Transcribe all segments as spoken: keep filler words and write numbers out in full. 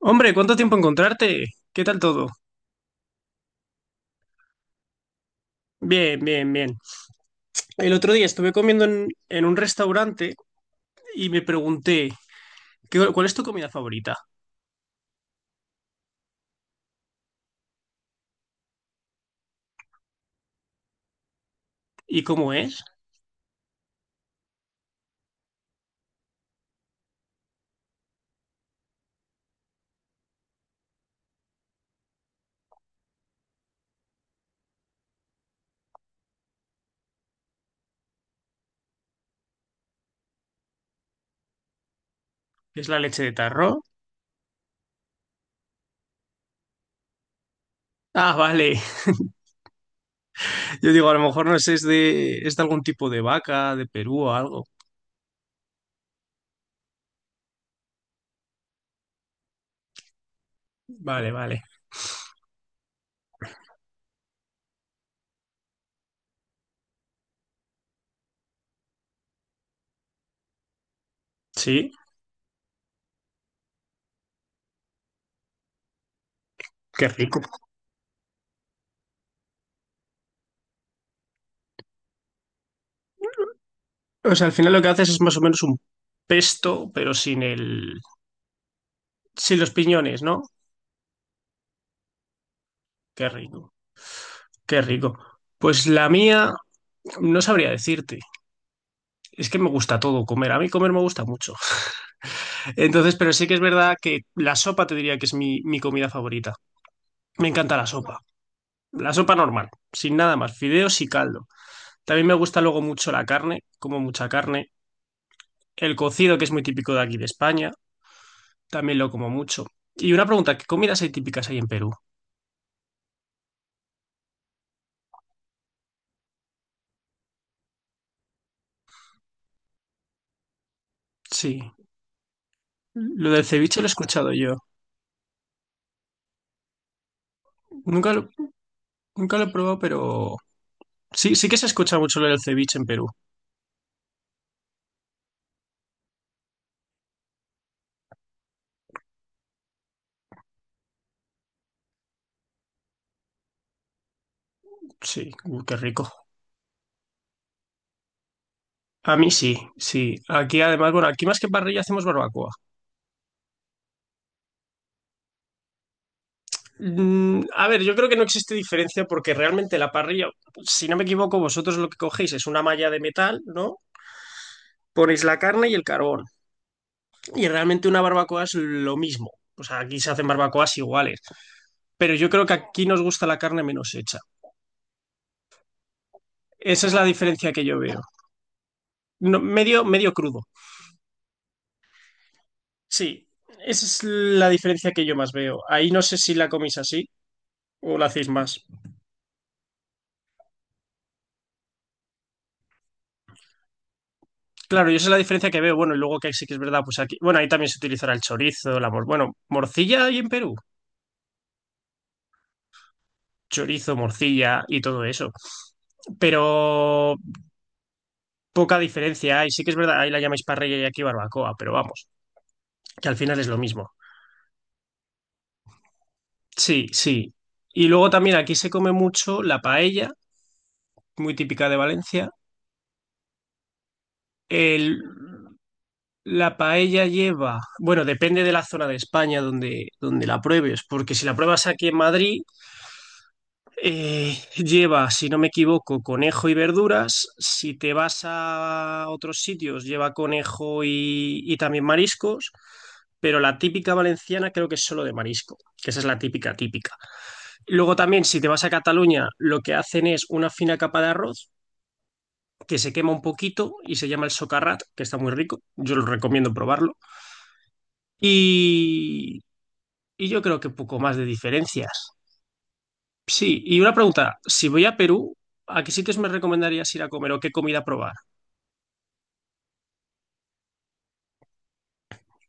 Hombre, ¿cuánto tiempo encontrarte? ¿Qué tal todo? Bien, bien, bien. El otro día estuve comiendo en, en un restaurante y me pregunté, ¿qué- ¿cuál es tu comida favorita? ¿Y cómo es? ¿Es la leche de tarro? Ah, vale. Yo digo, a lo mejor no sé, es de, es de algún tipo de vaca, de Perú o algo. Vale, vale. Sí, qué rico. O sea, al final lo que haces es más o menos un pesto, pero sin el, sin los piñones, ¿no? Qué rico, qué rico. Pues la mía, no sabría decirte. Es que me gusta todo comer. A mí comer me gusta mucho. Entonces, pero sí que es verdad que la sopa te diría que es mi, mi comida favorita. Me encanta la sopa. La sopa normal, sin nada más, fideos y caldo. También me gusta luego mucho la carne, como mucha carne. El cocido, que es muy típico de aquí de España, también lo como mucho. Y una pregunta, ¿qué comidas hay típicas ahí en Perú? Sí. Lo del ceviche lo he escuchado yo. Nunca lo, nunca lo he probado, pero sí, sí que se escucha mucho lo del ceviche en Perú. Sí, uh, qué rico. A mí sí, sí. Aquí además, bueno, aquí más que parrilla hacemos barbacoa. Mm, a ver, yo creo que no existe diferencia porque realmente la parrilla, si no me equivoco, vosotros lo que cogéis es una malla de metal, ¿no? Ponéis la carne y el carbón. Y realmente una barbacoa es lo mismo. O sea, aquí se hacen barbacoas iguales. Pero yo creo que aquí nos gusta la carne menos hecha. Esa es la diferencia que yo veo. No, medio, medio crudo. Sí, esa es la diferencia que yo más veo. Ahí no sé si la coméis así o la hacéis más. Claro, yo esa es la diferencia que veo. Bueno, y luego que sí que es verdad, pues aquí, bueno, ahí también se utilizará el chorizo, la mor, bueno, morcilla hay en Perú, chorizo, morcilla y todo eso. Pero poca diferencia hay. Sí que es verdad, ahí la llamáis parrilla y aquí barbacoa, pero vamos, que al final es lo mismo. Sí, sí. Y luego también aquí se come mucho la paella, muy típica de Valencia. El, la paella lleva, bueno, depende de la zona de España donde, donde la pruebes, porque si la pruebas aquí en Madrid, Eh, lleva, si no me equivoco, conejo y verduras. Si te vas a otros sitios, lleva conejo y, y también mariscos. Pero la típica valenciana creo que es solo de marisco, que esa es la típica típica. Luego también, si te vas a Cataluña, lo que hacen es una fina capa de arroz que se quema un poquito y se llama el socarrat, que está muy rico. Yo lo recomiendo probarlo. Y, y yo creo que poco más de diferencias. Sí, y una pregunta, si voy a Perú, ¿a qué sitios me recomendarías ir a comer o qué comida probar?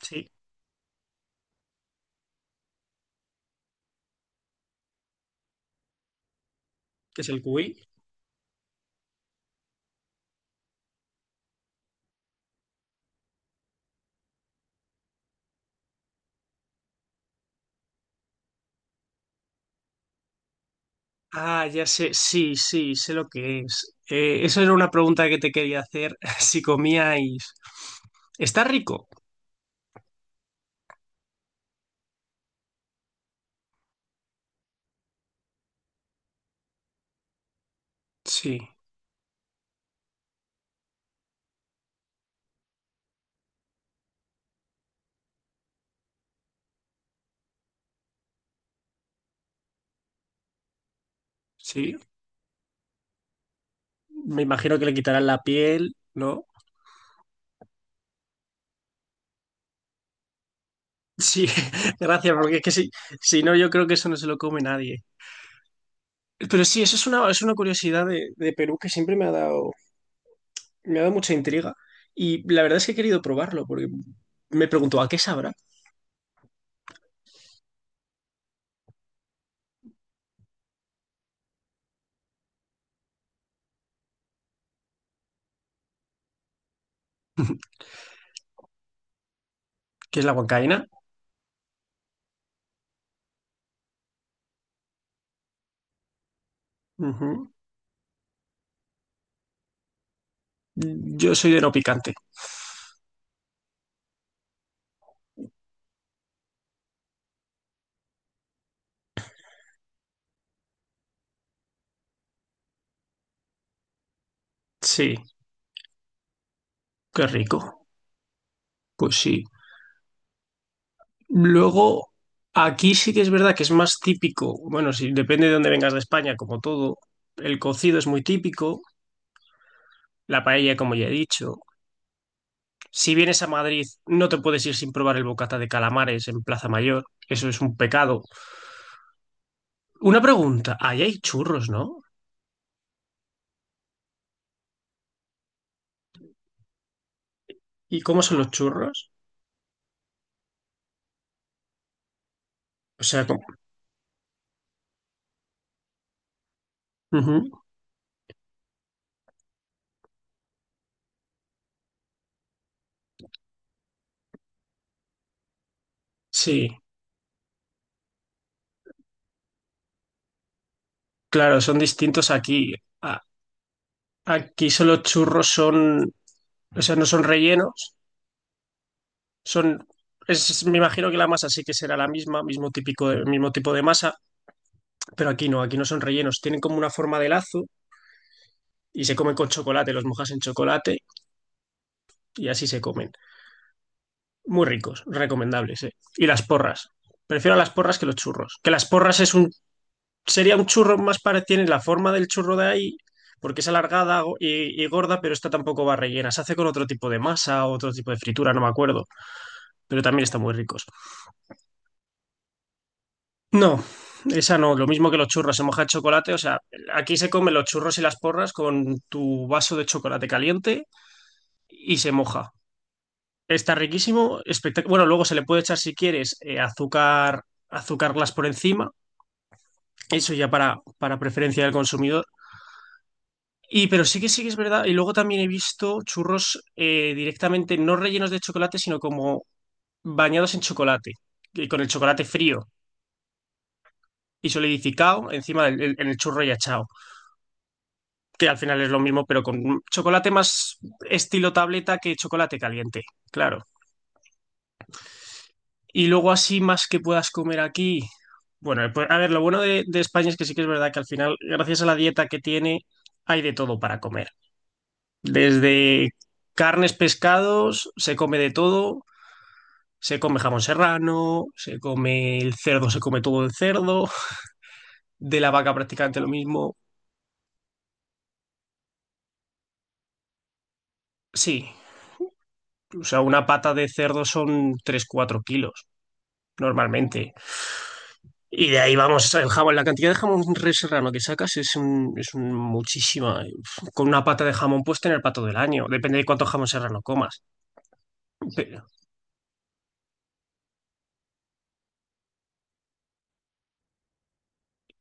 Sí, ¿qué es el cuy? Ah, ya sé, sí, sí, sé lo que es. Eh, esa era una pregunta que te quería hacer, si comíais. ¿Está rico? Sí, sí, me imagino que le quitarán la piel, ¿no? Sí, gracias, porque es que si, si no, yo creo que eso no se lo come nadie. Pero sí, eso es una, es una curiosidad de, de Perú que siempre me ha dado, me ha dado mucha intriga y la verdad es que he querido probarlo porque me pregunto, ¿a qué sabrá? ¿Qué es la huancaína? Ujú. Yo soy de no picante. Sí, qué rico. Pues sí. Luego, aquí sí que es verdad que es más típico. Bueno, sí, depende de dónde vengas de España, como todo. El cocido es muy típico, la paella, como ya he dicho. Si vienes a Madrid, no te puedes ir sin probar el bocata de calamares en Plaza Mayor. Eso es un pecado. Una pregunta, ahí hay churros, ¿no? ¿Y cómo son los churros? O sea, ujú. Sí, claro, son distintos aquí. A- Aquí solo churros son, o sea, no son rellenos, son, es, me imagino que la masa sí que será la misma, mismo típico de- mismo tipo de masa, pero aquí no, aquí no son rellenos, tienen como una forma de lazo y se comen con chocolate, los mojas en chocolate y así se comen. Muy ricos, recomendables, ¿eh? Y las porras. Prefiero las porras que los churros, que las porras es un sería un churro más para, tiene la forma del churro de ahí, porque es alargada go- y, y gorda, pero esta tampoco va rellena. Se hace con otro tipo de masa, o otro tipo de fritura, no me acuerdo, pero también están muy ricos. No, esa no, lo mismo que los churros, se moja el chocolate, o sea, aquí se comen los churros y las porras con tu vaso de chocolate caliente y se moja. Está riquísimo, espectac- bueno, luego se le puede echar si quieres eh, azúcar, azúcar glass por encima, eso ya para, para preferencia del consumidor, y pero sí que sí que es verdad. Y luego también he visto churros eh, directamente, no rellenos de chocolate, sino como bañados en chocolate, y con el chocolate frío y solidificado encima del, el- en el churro y achao, que al final es lo mismo, pero con chocolate más estilo tableta que chocolate caliente, claro. Y luego así más que puedas comer aquí. Bueno, pues, a ver, lo bueno de, de España es que sí que es verdad que al final, gracias a la dieta que tiene, hay de todo para comer. Desde carnes, pescados, se come de todo. Se come jamón serrano, se come el cerdo, se come todo el cerdo, de la vaca prácticamente lo mismo. Sí, o sea, una pata de cerdo son tres cuatro kilos normalmente. Y de ahí vamos, el jamón, la cantidad de jamón re serrano que sacas es, un, es un muchísima. Con una pata de jamón puedes tener pato del año, depende de cuánto jamón serrano comas. Pero,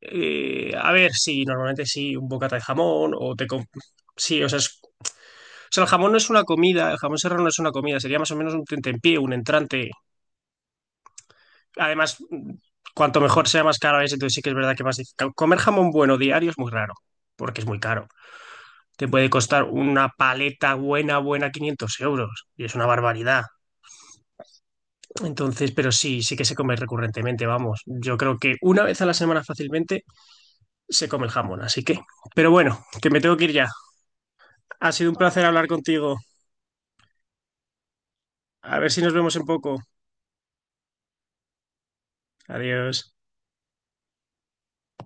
eh, a ver, sí, normalmente sí, un bocata de jamón o te... com- Sí, o sea, es o sea, el jamón no es una comida, el jamón serrano no es una comida, sería más o menos un tentempié, un entrante. Además, mm, cuanto mejor sea, más caro es, entonces sí que es verdad que más difícil. Comer jamón bueno diario es muy raro, porque es muy caro. Te puede costar una paleta buena, buena, quinientos euros, y es una barbaridad. Entonces, pero sí, sí que se come recurrentemente, vamos. Yo creo que una vez a la semana fácilmente se come el jamón, así que. Pero bueno, que me tengo que ir ya. Ha sido un placer hablar contigo. A ver si nos vemos en poco. Adiós.